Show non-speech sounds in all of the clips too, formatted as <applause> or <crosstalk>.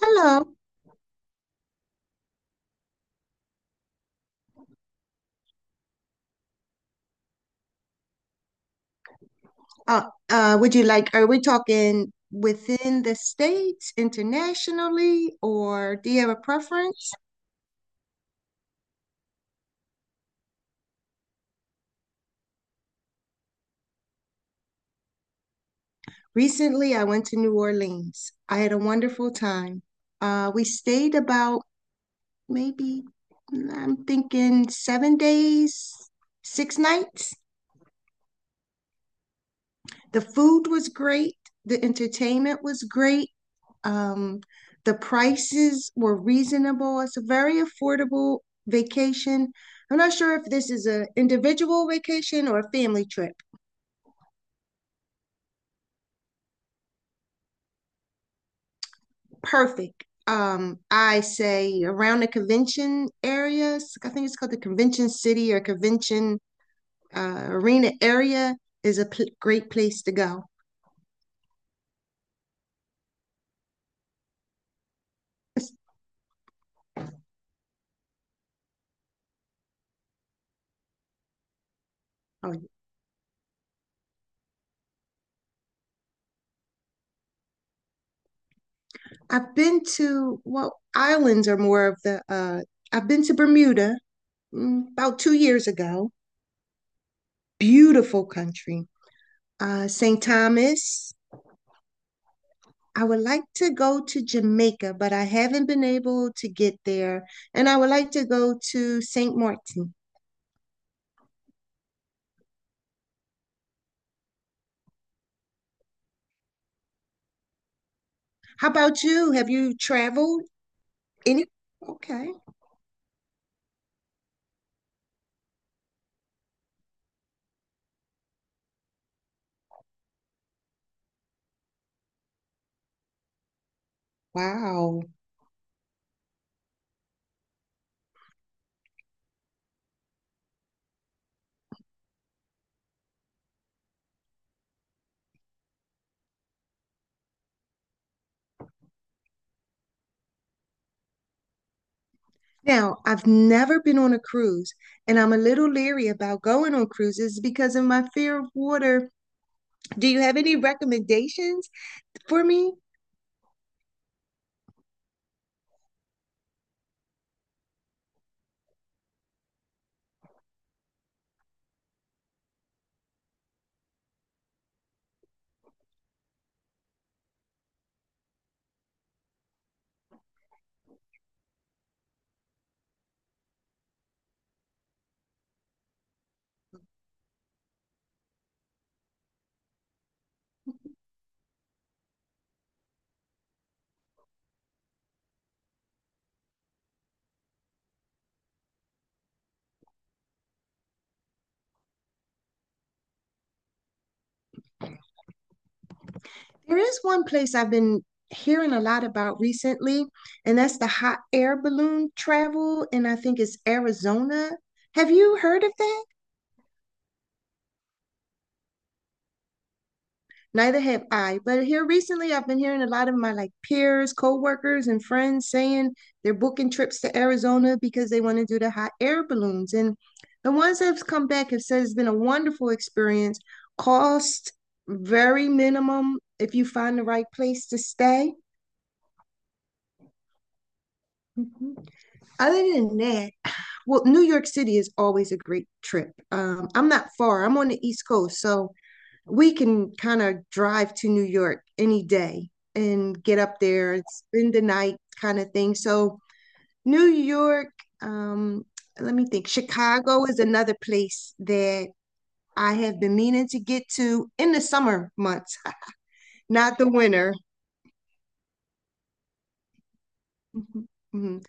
Hello. Are we talking within the states, internationally, or do you have a preference? Recently, I went to New Orleans. I had a wonderful time. We stayed about maybe, I'm thinking 7 days, six nights. The food was great. The entertainment was great. Um, the prices were reasonable. It's a very affordable vacation. I'm not sure if this is an individual vacation or a family trip. Perfect. I say around the convention areas. I think it's called the Convention City or Convention Arena area is a great place to go. Oh, I've been to, well, islands are more of the, I've been to Bermuda. About 2 years ago. Beautiful country. St. Thomas. I would like to go to Jamaica, but I haven't been able to get there. And I would like to go to St. Martin. How about you? Have you traveled any? Okay. Wow. Now, I've never been on a cruise, and I'm a little leery about going on cruises because of my fear of water. Do you have any recommendations for me? There is one place I've been hearing a lot about recently, and that's the hot air balloon travel, and I think it's Arizona. Have you heard of that? Neither have I. But here recently, I've been hearing a lot of my like peers, coworkers, and friends saying they're booking trips to Arizona because they want to do the hot air balloons. And the ones that have come back have said it's been a wonderful experience. Cost very minimum if you find the right place to stay. Mhm. Other than that, well, New York City is always a great trip. I'm not far. I'm on the East Coast, so we can kind of drive to New York any day and get up there and spend the night kind of thing. So New York, um, let me think. Chicago is another place that I have been meaning to get to in the summer months, not the winter. Mhm, mhm.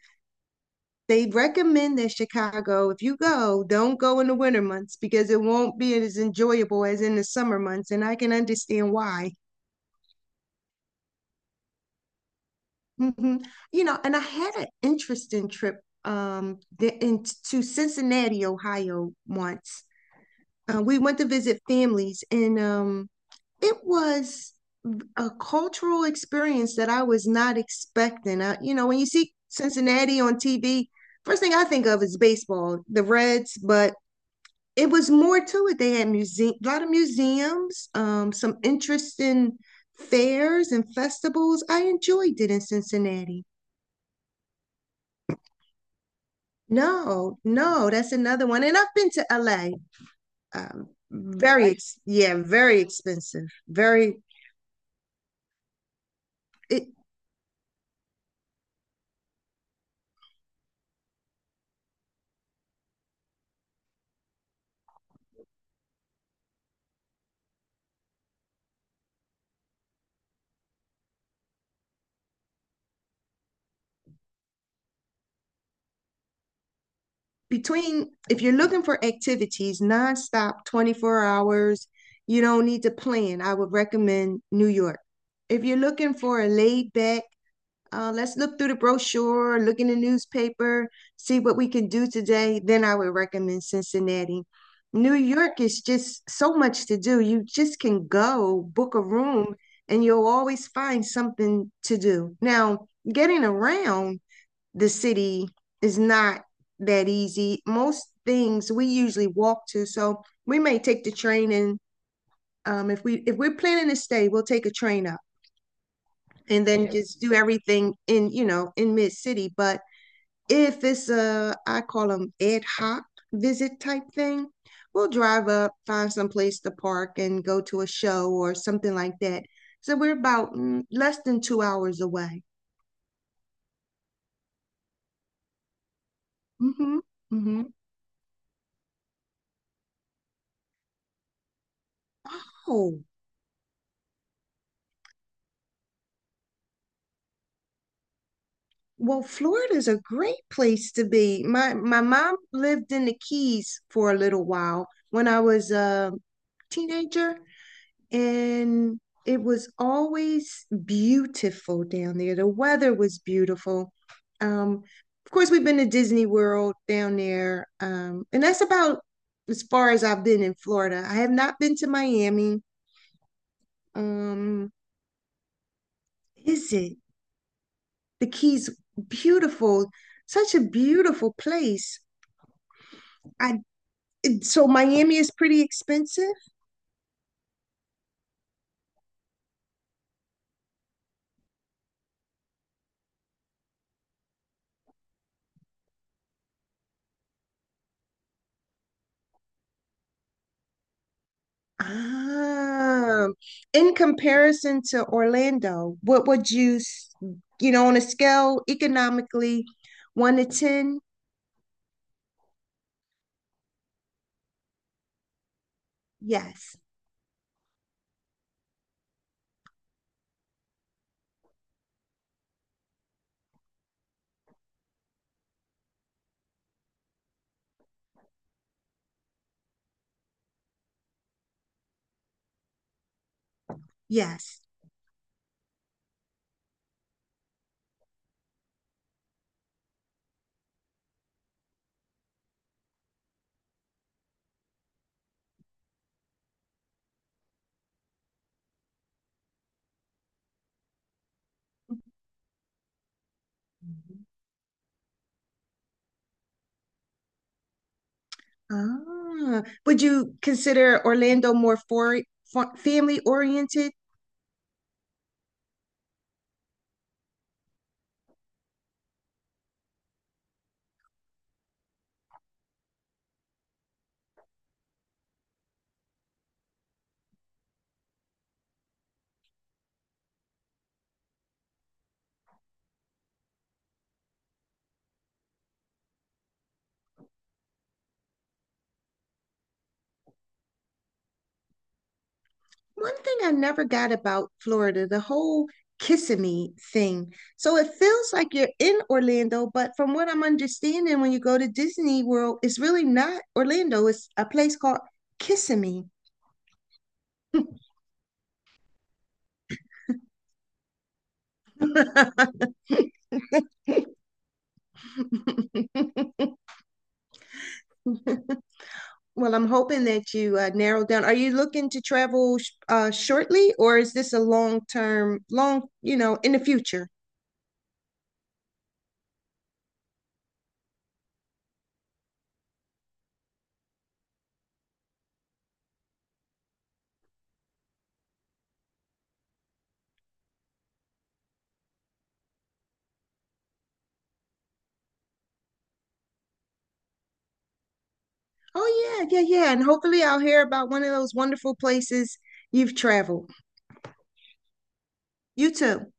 They recommend that Chicago, if you go, don't go in the winter months because it won't be as enjoyable as in the summer months, and I can understand why. Hmm. You know, and I had an interesting trip um the, in, to Cincinnati, Ohio once. We went to visit families, and it was a cultural experience that I was not expecting. I, you know, when you see Cincinnati on TV, first thing I think of is baseball, the Reds, but it was more to it. They had museum, a lot of museums, some interesting fairs and festivals. I enjoyed it in Cincinnati. No, no, that's another one. And I've been to LA. Very, ex Yeah, very expensive. Very, it Between, if you're looking for activities nonstop, 24 hours, you don't need to plan. I would recommend New York. If you're looking for a laid back let's look through the brochure, look in the newspaper, see what we can do today. Then I would recommend Cincinnati. New York is just so much to do. You just can go book a room and you'll always find something to do. Now, getting around the city is not that easy. Most things we usually walk to, so we may take the train and if we're planning to stay, we'll take a train up and then yeah, just do everything in, you know, in mid city. But if it's a, I call them ad hoc visit type thing, we'll drive up, find some place to park and go to a show or something like that. So we're about less than 2 hours away. Hmm. Hmm. Oh, well, Florida's a great place to be. My mom lived in the Keys for a little while when I was a teenager, and it was always beautiful down there. The weather was beautiful. Um, of course, we've been to Disney World down there, and that's about as far as I've been in Florida. I have not been to Miami. Um, is it the Keys? Beautiful, such a beautiful place. I So Miami is pretty expensive. Ah, in comparison to Orlando, what would you, you know, on a scale economically, one to ten? Yes, yes. Ah, would you consider Orlando more for family oriented? One thing I never got about Florida, the whole Kissimmee thing. So it feels like you're in Orlando, but from what I'm understanding, when you go to Disney World, it's really not Orlando. It's a place called Kissimmee. <laughs> Well, I'm hoping that you narrow down. Are you looking to travel shortly, or is this a long term, long, you know, in the future? Oh, yeah, yeah, yeah. And hopefully I'll hear about one of those wonderful places you've traveled. You too.